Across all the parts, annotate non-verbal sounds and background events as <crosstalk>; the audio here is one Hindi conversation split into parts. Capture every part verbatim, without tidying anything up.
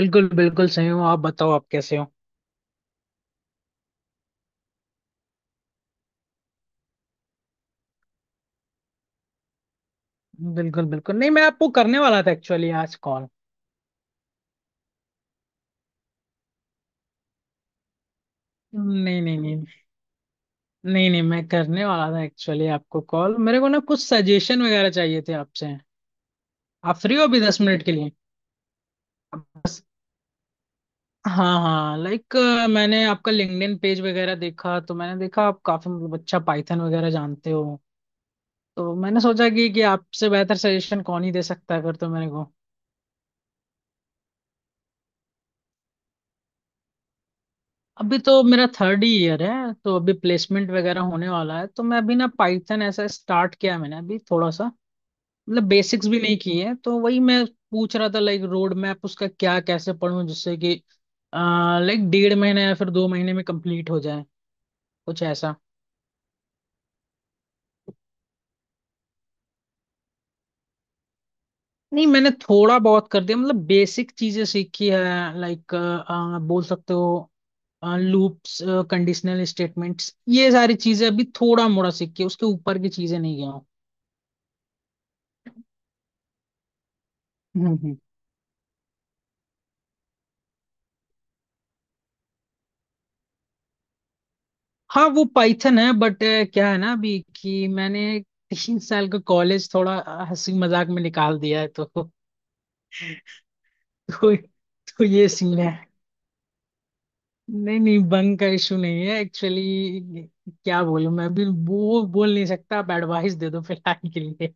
बिल्कुल बिल्कुल सही हूँ। आप बताओ आप कैसे हो। बिल्कुल बिल्कुल, नहीं मैं आपको करने वाला था एक्चुअली आज कॉल। नहीं नहीं नहीं, नहीं नहीं मैं करने वाला था एक्चुअली आपको कॉल। मेरे को ना कुछ सजेशन वगैरह चाहिए थे आपसे। आप फ्री हो अभी दस मिनट के लिए? बस। हाँ हाँ, लाइक मैंने आपका लिंक्डइन पेज वगैरह देखा तो मैंने देखा आप काफी मतलब अच्छा पाइथन वगैरह जानते हो। तो मैंने सोचा कि कि आपसे बेहतर सजेशन कौन ही दे सकता है फिर तो मेरे को। अभी तो मेरा थर्ड ही ईयर है, तो अभी प्लेसमेंट वगैरह होने वाला है, तो मैं अभी ना पाइथन ऐसा स्टार्ट किया है मैंने अभी थोड़ा सा। मतलब बेसिक्स भी नहीं किए हैं, तो वही मैं पूछ रहा था, लाइक रोड मैप उसका क्या, कैसे पढूं जिससे कि लाइक डेढ़ महीने या फिर दो महीने में कंप्लीट हो जाए, कुछ ऐसा। नहीं मैंने थोड़ा बहुत कर दिया, मतलब बेसिक चीजें सीखी है। लाइक बोल सकते हो, लूप्स, कंडीशनल स्टेटमेंट्स, ये सारी चीजें अभी थोड़ा मोड़ा सीखी है, उसके ऊपर की चीजें नहीं गया। हूँ। हाँ वो पाइथन है बट क्या है ना अभी कि मैंने तीन साल का कॉलेज थोड़ा अ, हंसी मजाक में निकाल दिया है तो <laughs> तो, तो ये सीन है। नहीं नहीं बंक का इशू नहीं है एक्चुअली। क्या बोलूं मैं, अभी वो बोल नहीं सकता, आप एडवाइस दे दो फिलहाल के लिए।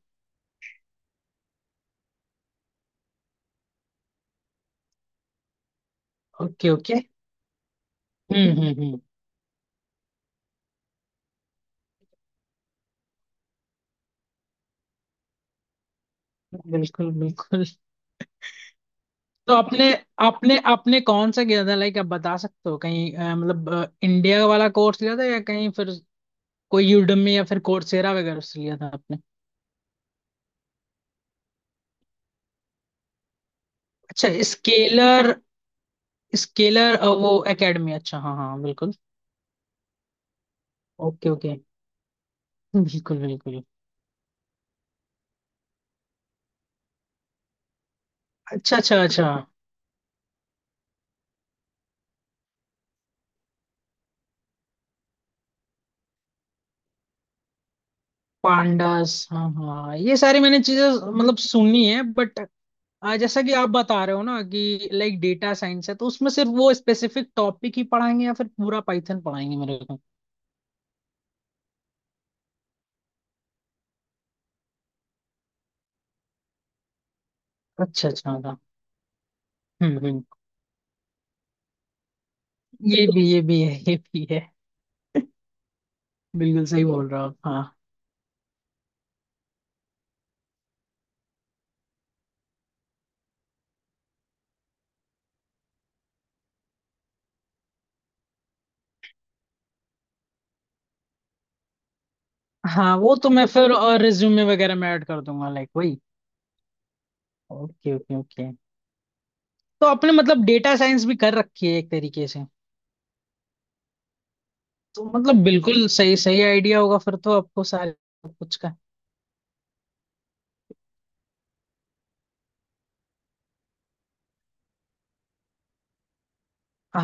Okay okay. हम्म हम्म हम्म। बिल्कुल बिल्कुल। तो आपने आपने आपने कौन सा किया था? लाइक आप बता सकते हो, कहीं अ, मतलब अ, इंडिया वाला कोर्स लिया था या कहीं फिर कोई यूडमी या फिर कोर्सेरा वगैरह से लिया था? अच्छा स्केलर। स्केलर, वो एकेडमी, अच्छा हाँ हाँ बिल्कुल। Okay okay. बिल्कुल बिल्कुल। अच्छा अच्छा अच्छा। पांडास, हाँ हाँ ये सारी मैंने चीजें मतलब सुनी है बट जैसा कि आप बता रहे हो ना कि लाइक डेटा साइंस है, तो उसमें सिर्फ वो स्पेसिफिक टॉपिक ही पढ़ाएंगे या फिर पूरा पाइथन पढ़ाएंगे मेरे को? अच्छा अच्छा हाँ। हम्म हम्म। ये भी, ये भी है ये भी है। बिल्कुल सही बोल रहे हो आप, हाँ। हाँ वो तो मैं फिर और रिज्यूमे वगैरह में ऐड कर दूंगा, लाइक वही। Okay okay okay. तो आपने मतलब डेटा साइंस भी कर रखी है एक तरीके से। तो मतलब बिल्कुल सही सही आइडिया होगा फिर तो आपको सारे, सब कुछ का।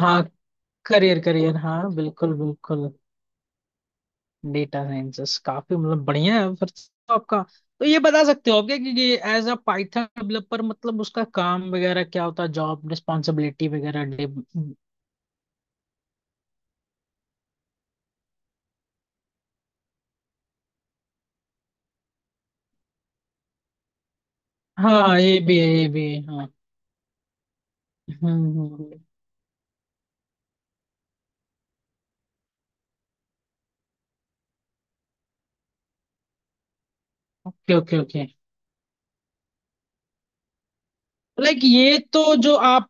हाँ, करियर करियर हाँ बिल्कुल बिल्कुल। डेटा साइंसेस काफी मतलब बढ़िया है फिर तो आपका। तो ये बता सकते हो आप क्या, कि एज अ पाइथन डेवलपर मतलब उसका काम वगैरह क्या होता है, जॉब रिस्पॉन्सिबिलिटी वगैरह, डे-। हाँ हाँ, ये भी है ये भी है, हाँ। हम्म। Okay okay okay. लाइक ये तो जो आप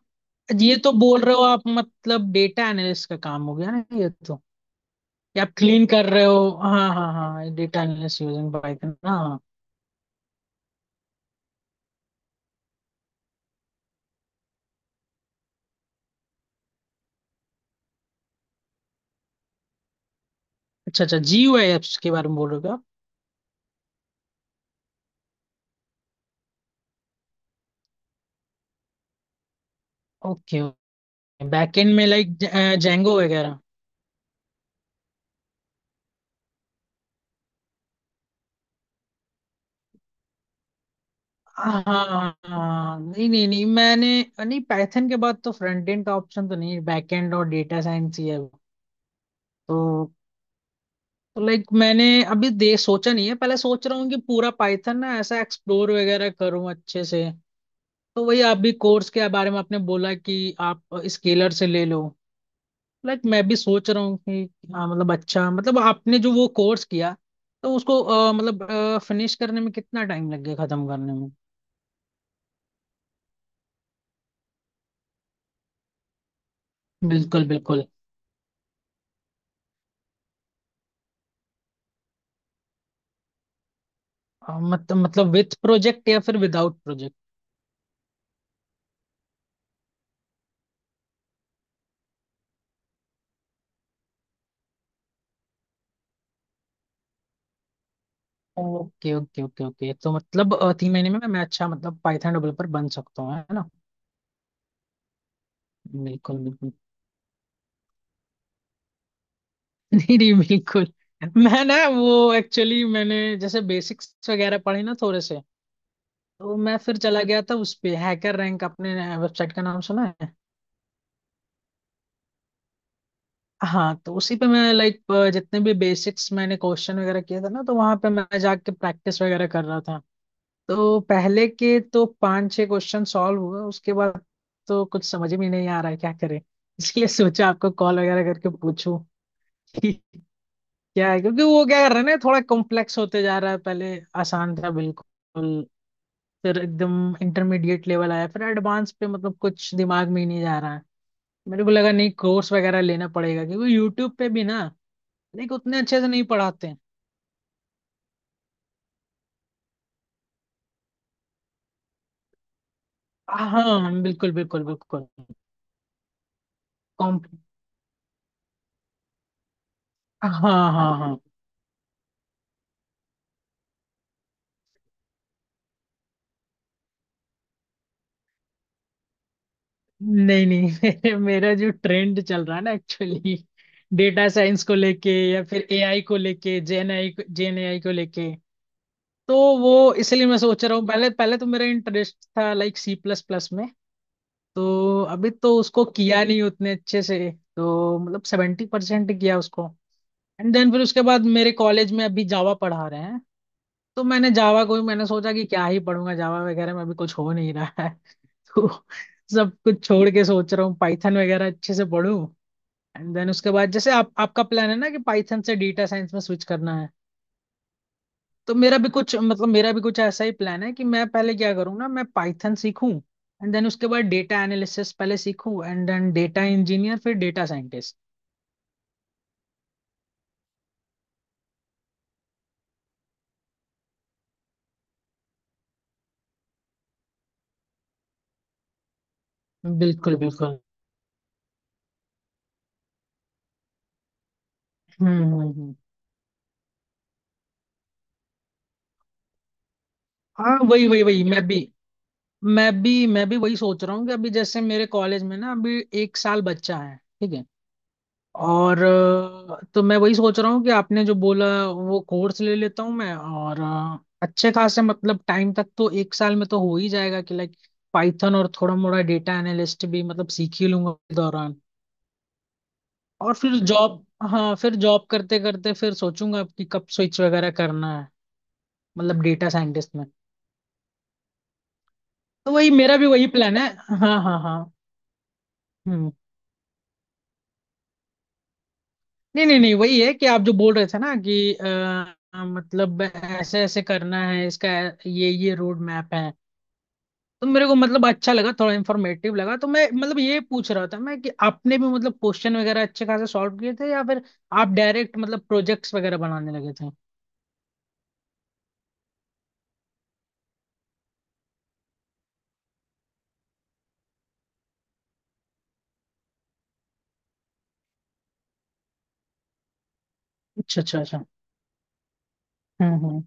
ये तो बोल रहे हो आप मतलब डेटा एनालिस्ट का काम हो गया ना ये तो। ये आप क्लीन कर रहे हो, हाँ हाँ हाँ, डेटा एनालिस्ट यूजिंग पाइथन, हाँ हाँ। अच्छा अच्छा, जी यू आई एप्स के बारे में बोल रहे हो आप? Okay okay. बैकएंड में, लाइक जेंगो वगैरह? हाँ हाँ हाँ, हाँ। नहीं नहीं नहीं, मैंने नहीं पाइथन के बाद तो फ्रंट एंड का ऑप्शन तो नहीं है, बैकएंड और डेटा साइंस ही है वो। तो तो लाइक मैंने अभी दे सोचा नहीं है, पहले सोच रहा हूँ कि पूरा पाइथन ना ऐसा एक्सप्लोर वगैरह करूँ अच्छे से। तो वही आप भी कोर्स के बारे में आपने बोला कि आप स्केलर से ले लो। लाइक मैं भी सोच रहा हूँ कि हाँ, मतलब अच्छा, मतलब आपने जो वो कोर्स किया तो उसको अ, मतलब फिनिश करने में कितना टाइम लग गया, खत्म करने में? बिल्कुल बिल्कुल। अ, मत, मतलब विथ प्रोजेक्ट या फिर without project? Okay okay okay okay, तो मतलब अ, तीन महीने में मैं अच्छा मतलब पाइथन डेवलपर बन सकता हूँ है ना? बिल्कुल बिल्कुल <laughs> नहीं नहीं बिल्कुल। मैं ना वो एक्चुअली मैंने जैसे बेसिक्स वगैरह पढ़े ना थोड़े से, तो मैं फिर चला गया था उस पे, हैकर रैंक, आपने वेबसाइट का नाम सुना है? हाँ। तो उसी पे मैं, लाइक जितने भी बेसिक्स मैंने क्वेश्चन वगैरह किए थे ना, तो वहां पे मैं जाके प्रैक्टिस वगैरह कर रहा था। तो पहले के तो पांच छह क्वेश्चन सॉल्व हुए, उसके बाद तो कुछ समझ में नहीं आ रहा है, क्या करें। इसलिए सोचा आपको कॉल वगैरह करके पूछूं कि क्या है, क्योंकि वो क्या कर रहा है ना, थोड़ा कॉम्प्लेक्स होते जा रहा है। पहले आसान था बिल्कुल, फिर एकदम इंटरमीडिएट लेवल आया, फिर एडवांस पे मतलब कुछ दिमाग में ही नहीं जा रहा है। मेरे को लगा नहीं, कोर्स वगैरह लेना पड़ेगा, क्योंकि यूट्यूब पे भी ना देख उतने अच्छे से नहीं पढ़ाते हैं। हाँ बिल्कुल बिल्कुल बिल्कुल। कॉम। हाँ हाँ हाँ। नहीं नहीं <laughs> मेरे, मेरा जो ट्रेंड चल रहा है ना एक्चुअली, डेटा साइंस को लेके या फिर ए आई को लेके, जेन आई को जेन ए आई को लेके। तो वो इसलिए मैं सोच रहा हूँ। पहले पहले तो मेरा इंटरेस्ट था, लाइक सी प्लस प्लस में। तो अभी तो उसको किया नहीं उतने अच्छे से, तो मतलब सेवेंटी परसेंट किया उसको। एंड देन फिर उसके बाद मेरे कॉलेज में अभी जावा पढ़ा रहे हैं, तो मैंने जावा को ही मैंने सोचा कि क्या ही पढ़ूंगा, जावा वगैरह में अभी कुछ हो नहीं रहा है <laughs> तो सब कुछ छोड़ के सोच रहा हूँ पाइथन वगैरह अच्छे से पढूं। एंड देन उसके बाद जैसे आप, आपका प्लान है ना कि पाइथन से डेटा साइंस में स्विच करना है, तो मेरा भी कुछ मतलब, मेरा भी कुछ ऐसा ही प्लान है कि मैं पहले क्या करूंगा, मैं पाइथन सीखूं, एंड देन उसके बाद डेटा एनालिसिस पहले सीखूं, एंड देन डेटा इंजीनियर, फिर डेटा साइंटिस्ट। बिल्कुल बिल्कुल। हम्म हम्म हम्म। हाँ वही वही वही, मैं भी मैं भी मैं भी वही सोच रहा हूँ कि अभी जैसे मेरे कॉलेज में ना अभी एक साल बच्चा है, ठीक है। और अ, तो मैं वही सोच रहा हूँ कि आपने जो बोला वो कोर्स ले लेता हूँ मैं, और अ, अच्छे खासे मतलब टाइम तक, तो एक साल में तो हो ही जाएगा कि लाइक पाइथन और थोड़ा मोड़ा डेटा एनालिस्ट भी मतलब सीख ही लूंगा के दौरान। और फिर जॉब, हाँ फिर जॉब करते करते फिर सोचूंगा कि कब स्विच वगैरह करना है, मतलब डेटा साइंटिस्ट में। तो वही, मेरा भी वही प्लान है। हाँ हाँ हाँ। हम्म। नहीं नहीं नहीं, वही है कि आप जो बोल रहे थे ना कि आ, मतलब ऐसे ऐसे करना है इसका, ये ये रोड मैप है। तो मेरे को मतलब अच्छा लगा, थोड़ा इंफॉर्मेटिव लगा, तो मैं मतलब ये पूछ रहा था मैं कि आपने भी मतलब क्वेश्चन वगैरह अच्छे खासे सॉल्व किए थे या फिर आप डायरेक्ट मतलब प्रोजेक्ट्स वगैरह बनाने लगे थे? अच्छा अच्छा अच्छा। हम्म हम्म।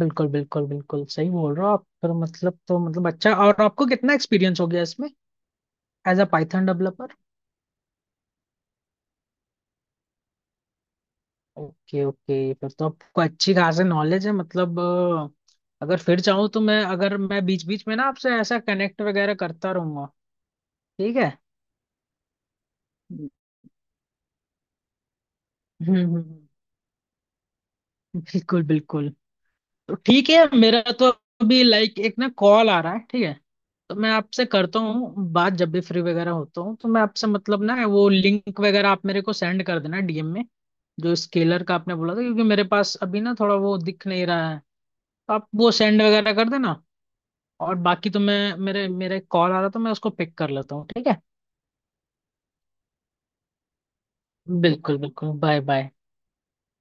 बिल्कुल बिल्कुल बिल्कुल सही बोल रहे हो आप, फिर मतलब तो मतलब अच्छा, और आपको कितना एक्सपीरियंस हो गया इसमें, एज अ पाइथन? ओके ओके, फिर तो आपको अच्छी खासी नॉलेज है मतलब। अ, अगर फिर चाहूँ तो मैं, अगर मैं बीच बीच में ना आपसे ऐसा कनेक्ट वगैरह करता रहूंगा, ठीक है? हम्म। हम्म, हम्म, बिल्कुल बिल्कुल। तो ठीक है, मेरा तो अभी लाइक एक ना कॉल आ रहा है, ठीक है। तो मैं आपसे करता हूँ बात जब भी फ्री वगैरह होता हूँ, तो मैं आपसे मतलब ना वो लिंक वगैरह आप मेरे को सेंड कर देना डी एम में, जो स्केलर का आपने बोला था, क्योंकि मेरे पास अभी ना थोड़ा वो दिख नहीं रहा है, तो आप वो सेंड वगैरह कर देना। और बाकी तो मैं, मेरे मेरे कॉल आ रहा था, मैं उसको पिक कर लेता हूँ, ठीक है। बिल्कुल बिल्कुल, बाय बाय।